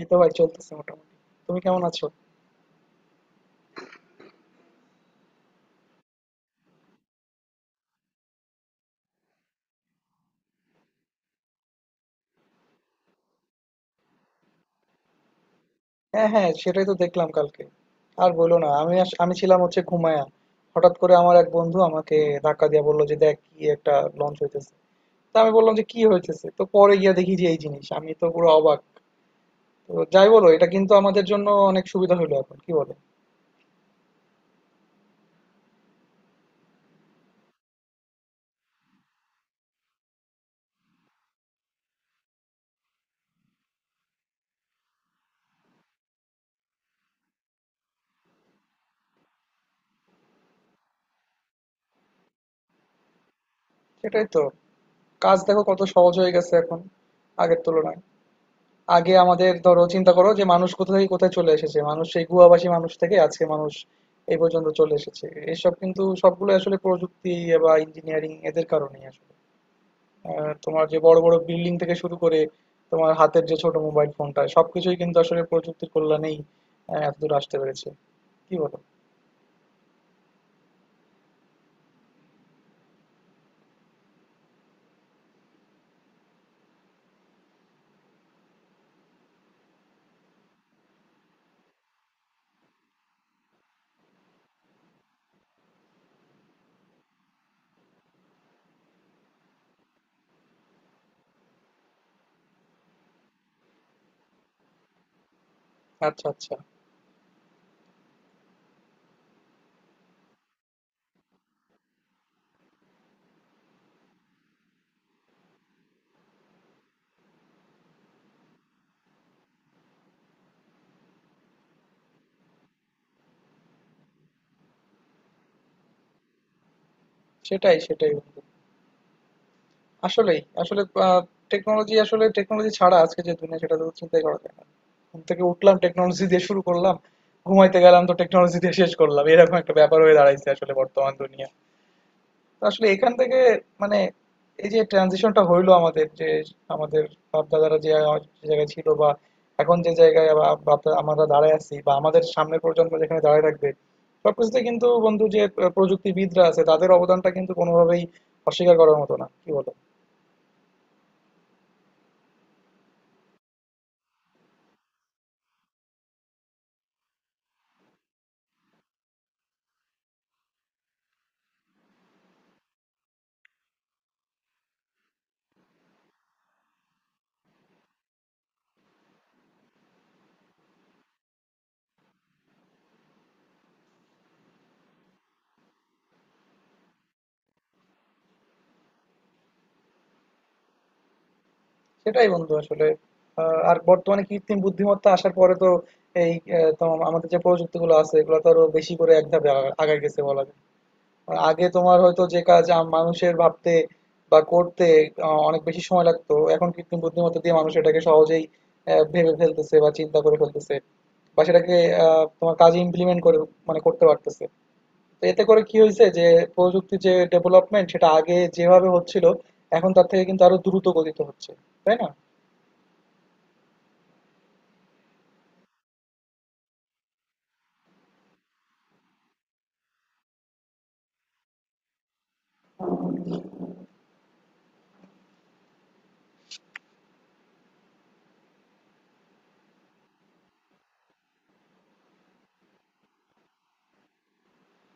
এই তো ভাই চলতেছে মোটামুটি। তুমি কেমন আছো? হ্যাঁ, হ্যাঁ, সেটাই তো দেখলাম কালকে। আর বলো না, আমি ছিলাম হচ্ছে ঘুমায়া। হঠাৎ করে আমার এক বন্ধু আমাকে ধাক্কা দিয়ে বললো যে দেখ কি একটা লঞ্চ হইতেছে। তা আমি বললাম যে কি হইতেছে? তো পরে গিয়া দেখি যে এই জিনিস, আমি তো পুরো অবাক। তো যাই বলো, এটা কিন্তু আমাদের জন্য অনেক সুবিধা হলো এখন, কি বলে। সেটাই তো। কাজ দেখো কত সহজ হয়ে গেছে এখন আগের তুলনায়। আগে আমাদের, ধরো চিন্তা করো যে মানুষ কোথা থেকে কোথায় চলে এসেছে, মানুষ সেই গুহাবাসী মানুষ থেকে আজকে মানুষ এই পর্যন্ত চলে এসেছে। এসব কিন্তু সবগুলো আসলে প্রযুক্তি বা ইঞ্জিনিয়ারিং এদের কারণেই আসলে। তোমার যে বড় বড় বিল্ডিং থেকে শুরু করে তোমার হাতের যে ছোট মোবাইল ফোনটা, সবকিছুই কিন্তু আসলে প্রযুক্তির কল্যাণেই এতদূর আসতে পেরেছে। কি বলো? আচ্ছা, আচ্ছা। সেটাই সেটাই বন্ধু, আসলেই। আসলে আ টেকনোলজি, আসলে টেকনোলজি ছাড়া আজকে যে দুনিয়া, সেটা তো চিন্তাই করা যায় না। ঘুম থেকে উঠলাম টেকনোলজি দিয়ে শুরু করলাম, ঘুমাইতে গেলাম তো টেকনোলজি দিয়ে শেষ করলাম। এরকম একটা ব্যাপার হয়ে দাঁড়াইছে আসলে বর্তমান দুনিয়া। তো আসলে এখান থেকে মানে এই যে ট্রানজিশনটা হইলো আমাদের, যে আমাদের বাপ-দাদারা যে যে জায়গায় ছিল বা এখন যে জায়গায় বা আমরা দাঁড়ায় আছি বা আমাদের সামনের প্রজন্ম যেখানে দাঁড়ায় থাকবে, সবকিছুতে কিন্তু বন্ধু যে প্রযুক্তিবিদরা আছে তাদের অবদানটা কিন্তু কোনোভাবেই অস্বীকার করার মতো না। কি বলো? সেটাই বন্ধু আসলে। আর বর্তমানে কৃত্রিম বুদ্ধিমত্তা আসার পরে তো এই তোমার আমাদের যে প্রযুক্তিগুলো আছে এগুলো তো আরো বেশি করে এক ধাপ আগায় গেছে বলা যায়। আর আগে তোমার হয়তো যে কাজ মানুষের ভাবতে বা করতে অনেক বেশি সময় লাগতো, এখন কৃত্রিম বুদ্ধিমত্তা দিয়ে মানুষ এটাকে সহজেই ভেবে ফেলতেছে বা চিন্তা করে ফেলতেছে বা সেটাকে তোমার কাজে ইমপ্লিমেন্ট করে মানে করতে পারতেছে। তো এতে করে কি হয়েছে যে প্রযুক্তির যে ডেভেলপমেন্ট সেটা আগে যেভাবে হচ্ছিল এখন তার থেকে কিন্তু আরো দ্রুত গতিতে হচ্ছে। তাই না?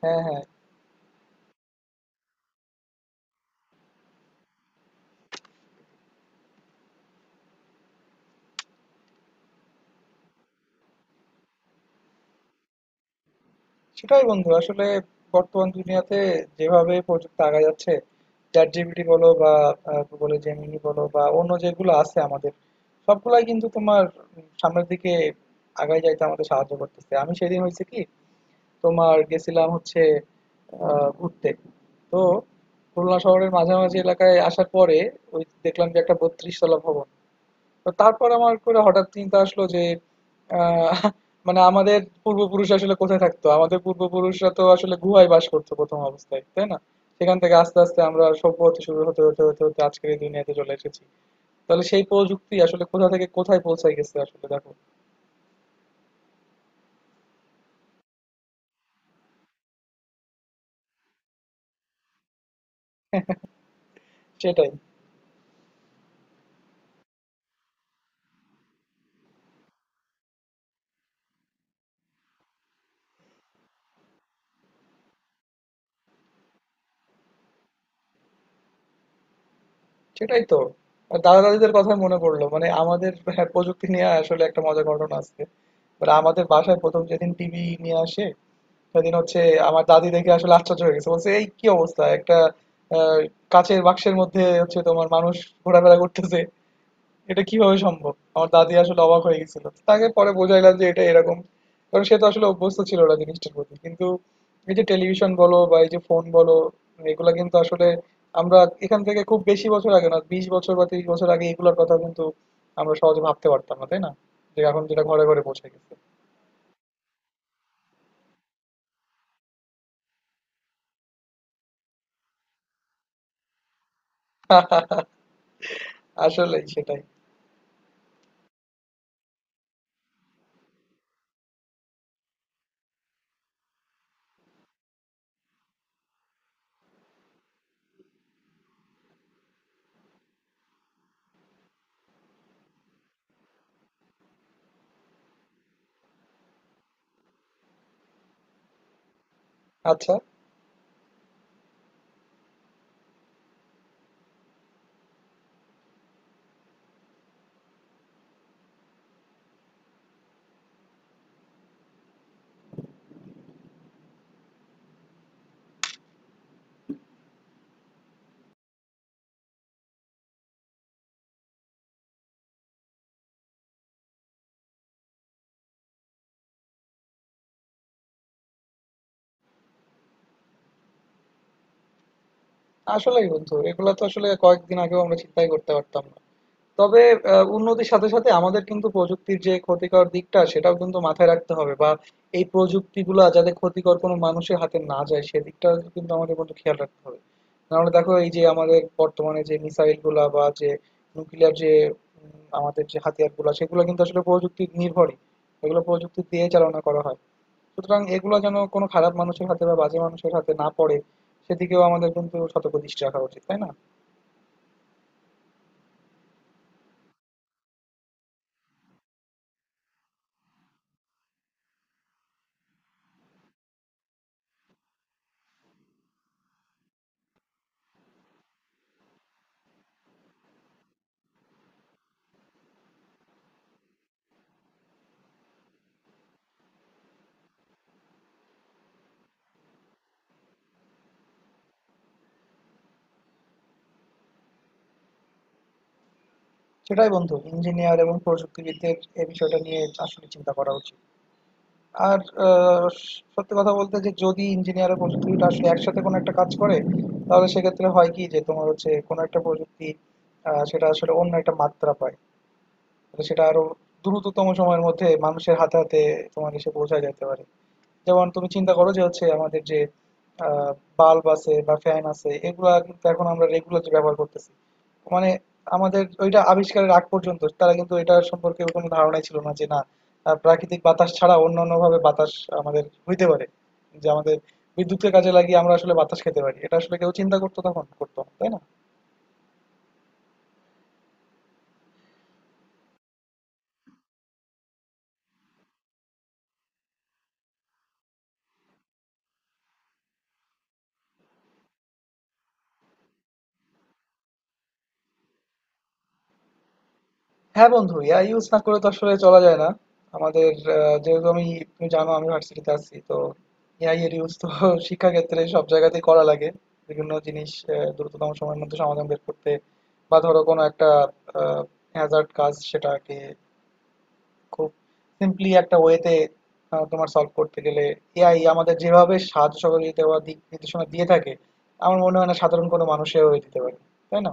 হ্যাঁ, হ্যাঁ। সেটাই বন্ধু, আসলে বর্তমান দুনিয়াতে যেভাবে প্রযুক্তি আগায় যাচ্ছে, ChatGPT বলো বা Google এর Gemini বলো বা অন্য যেগুলো আছে আমাদের, সবগুলাই কিন্তু তোমার সামনের দিকে আগায় যাইতে আমাদের সাহায্য করতেছে। আমি সেদিন হয়েছে কি, তোমার গেছিলাম হচ্ছে ঘুরতে। তো খুলনা শহরের মাঝামাঝি এলাকায় আসার পরে ওই দেখলাম যে একটা বত্রিশ তলা ভবন। তো তারপর আমার করে হঠাৎ চিন্তা আসলো যে আহ, মানে আমাদের পূর্বপুরুষ আসলে কোথায় থাকতো, আমাদের পূর্বপুরুষরা তো আসলে গুহায় বাস করতো প্রথম অবস্থায়, তাই না? সেখান থেকে আস্তে আস্তে আমরা সভ্য হতে শুরু, হতে হতে হতে হতে আজকের এই দুনিয়াতে চলে এসেছি। তাহলে সেই প্রযুক্তি আসলে কোথা থেকে কোথায় পৌঁছায় গেছে আসলে, দেখো। সেটাই, সেটাই তো। আর দাদা দাদিদের কথা মনে পড়লো, মানে আমাদের, হ্যাঁ, প্রযুক্তি নিয়ে আসলে একটা মজার ঘটনা আছে। মানে আমাদের বাসায় প্রথম যেদিন টিভি নিয়ে আসে সেদিন হচ্ছে আমার দাদি দেখে আসলে আশ্চর্য হয়ে গেছে। বলছে, "এই কি অবস্থা? একটা আ কাঁচের বাক্সের মধ্যে হচ্ছে তোমার মানুষ ঘোরাফেরা করতেছে। এটা কিভাবে সম্ভব?" আমার দাদি আসলে অবাক হয়ে গেছিল। তাকে পরে বুঝাইলাম যে এটা এরকম। কারণ সে তো আসলে অভ্যস্ত ছিল না জিনিসটার প্রতি। কিন্তু এই যে টেলিভিশন বলো বা এই যে ফোন বলো, এগুলা কিন্তু আসলে আমরা এখান থেকে খুব বেশি বছর আগে না, ২০ বছর বা ৩০ বছর আগে এগুলার কথা কিন্তু আমরা সহজে ভাবতে পারতাম না, তাই না? যে এখন যেটা ঘরে, ঘরে পৌঁছে গেছে। আসলেই সেটাই। আচ্ছা। আসলেই বন্ধু, এগুলা তো আসলে কয়েকদিন আগেও আমরা চিন্তাই করতে পারতাম না। তবে উন্নতির সাথে সাথে আমাদের কিন্তু প্রযুক্তির যে ক্ষতিকর দিকটা সেটাও কিন্তু মাথায় রাখতে হবে, বা এই প্রযুক্তিগুলা যাতে ক্ষতিকর কোনো মানুষের হাতে না যায় সেদিকটা কিন্তু আমাদের বন্ধু খেয়াল রাখতে হবে। নাহলে দেখো, এই যে আমাদের বর্তমানে যে মিসাইল গুলা বা যে নিউক্লিয়ার যে আমাদের যে হাতিয়ার গুলা, সেগুলো কিন্তু আসলে প্রযুক্তি নির্ভরই, এগুলো প্রযুক্তি দিয়ে চালনা করা হয়। সুতরাং এগুলো যেন কোনো খারাপ মানুষের হাতে বা বাজে মানুষের হাতে না পড়ে, সেদিকেও আমাদের কিন্তু সতর্ক দৃষ্টি রাখা উচিত, তাই না? সেটাই বন্ধু, ইঞ্জিনিয়ার এবং প্রযুক্তিবিদদের এই বিষয়টা নিয়ে আসলে চিন্তা করা উচিত। আর আহ, সত্যি কথা বলতে, যে যদি ইঞ্জিনিয়ার আর প্রযুক্তিবিদ আসলে একসাথে কোনো একটা কাজ করে তাহলে সেক্ষেত্রে হয় কি, যে তোমার হচ্ছে কোনো একটা প্রযুক্তি সেটা আসলে অন্য একটা মাত্রা পায়। তাহলে সেটা আরো দ্রুততম সময়ের মধ্যে মানুষের হাতে হাতে তোমার এসে পৌঁছায় যেতে পারে। যেমন তুমি চিন্তা করো যে হচ্ছে আমাদের যে বাল্ব আছে বা ফ্যান আছে এগুলা কিন্তু এখন আমরা রেগুলার যে ব্যবহার করতেছি, মানে আমাদের ওইটা আবিষ্কারের আগ পর্যন্ত তারা কিন্তু এটা সম্পর্কে কোনো ধারণাই ছিল না যে না, প্রাকৃতিক বাতাস ছাড়া অন্য অন্য ভাবে বাতাস আমাদের হইতে পারে, যে আমাদের বিদ্যুতের কাজে লাগিয়ে আমরা আসলে বাতাস খেতে পারি। এটা আসলে কেউ চিন্তা করতো তখন? করতো না, তাই না? হ্যাঁ বন্ধু, এআই ইউজ না করে তো আসলে চলা যায় না আমাদের। যেহেতু আমি, তুমি জানো আমি ভার্সিটিতে আছি, তো এআই এর ইউজ তো শিক্ষাক্ষেত্রে সব জায়গাতেই করা লাগে। বিভিন্ন জিনিস দ্রুততম সময়ের মধ্যে সমাধান বের করতে, বা ধরো কোনো একটা হ্যাজার্ড কাজ সেটাকে খুব সিম্পলি একটা ওয়েতে তোমার সলভ করতে গেলে এআই আমাদের যেভাবে সাহায্য সহযোগিতা বা দিক নির্দেশনা দিয়ে থাকে, আমার মনে হয় না সাধারণ কোনো মানুষেও দিতে পারে। তাই না?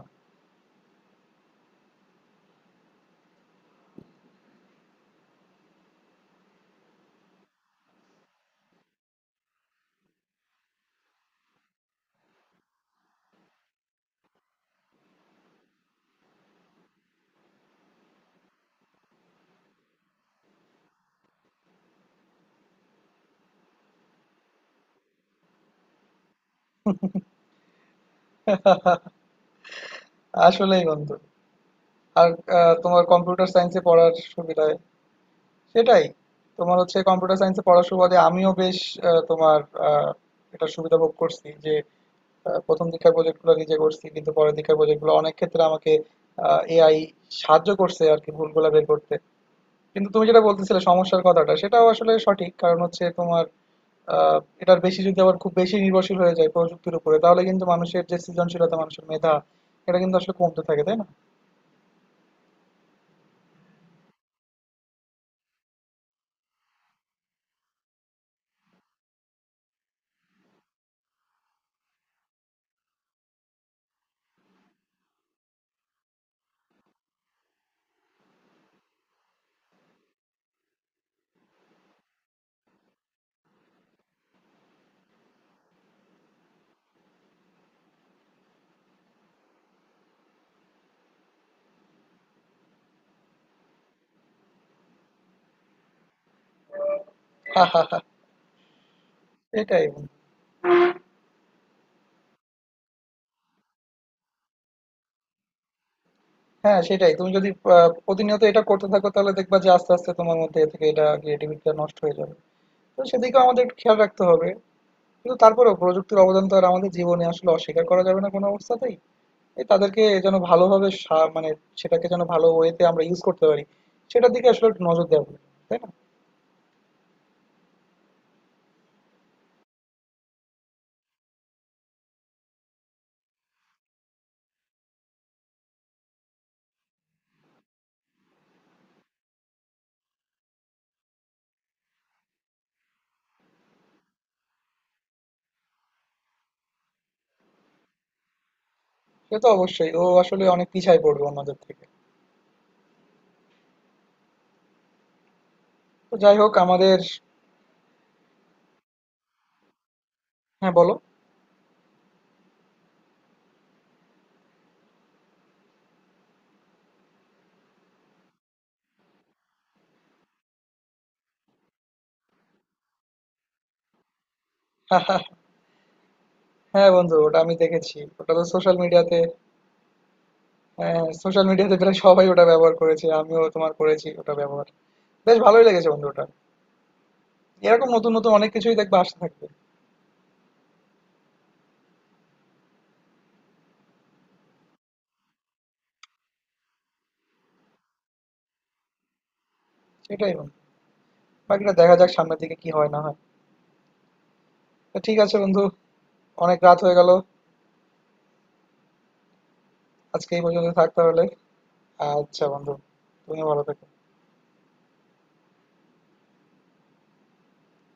আসলেই বন্ধু। আর তোমার কম্পিউটার সায়েন্সে পড়ার সুবিধায় সেটাই, তোমার হচ্ছে কম্পিউটার সায়েন্সে পড়ার সুবাদে আমিও বেশ তোমার আহ, এটা সুবিধা ভোগ করছি যে প্রথম দীক্ষার প্রজেক্টগুলো নিজে করছি কিন্তু পরের দীক্ষার প্রজেক্টগুলো অনেক ক্ষেত্রে আমাকে এআই সাহায্য করছে আর কি, ভুলগুলো বের করতে। কিন্তু তুমি যেটা বলতেছিলে সমস্যার কথাটা, সেটাও আসলে সঠিক। কারণ হচ্ছে তোমার এটার বেশি যদি আবার খুব বেশি নির্ভরশীল হয়ে যায় প্রযুক্তির উপরে তাহলে কিন্তু মানুষের যে সৃজনশীলতা, মানুষের মেধা এটা কিন্তু আসলে কমতে থাকে, তাই না? হা হা হা। এটাই। হ্যাঁ সেটাই। তুমি যদি আ প্রতিনিয়ত এটা করতে থাকো তাহলে দেখবা যে আস্তে, আস্তে তোমার মধ্যে এ থেকে এটা ক্রিয়েটিভিটিটা নষ্ট হয়ে যাবে। তো সেদিকেও আমাদের একটু খেয়াল রাখতে হবে। কিন্তু তারপরেও প্রযুক্তির অবদান তো আর আমাদের জীবনে আসলে অস্বীকার করা যাবে না কোনো অবস্থাতেই। এ তাদেরকে যেন ভালোভাবে মানে সেটাকে যেন ভালো ওয়েতে আমরা ইউজ করতে পারি, সেটার দিকে আসলে একটু নজর দেওয়া উচিত, তাই না? সে তো অবশ্যই। ও আসলে অনেক পিছায় পড়বে অন্যদের থেকে। তো যাই হোক আমাদের। হ্যাঁ, বলো। হ্যাঁ বন্ধু, ওটা আমি দেখেছি। ওটা তো সোশ্যাল মিডিয়াতে। হ্যাঁ, সোশ্যাল মিডিয়াতে প্রায় সবাই ওটা ব্যবহার করেছে, আমিও তোমার করেছি ওটা ব্যবহার। বেশ ভালোই লেগেছে বন্ধু ওটা। এরকম নতুন নতুন অনেক কিছুই দেখবে আসতে থাকবে। সেটাই বন্ধু, বাকিটা দেখা যাক সামনের দিকে কি হয় না হয়। তো ঠিক আছে বন্ধু, অনেক রাত হয়ে গেল। আজকে এই পর্যন্ত থাক তাহলে। আচ্ছা বন্ধু, তুমিও ভালো থেকো।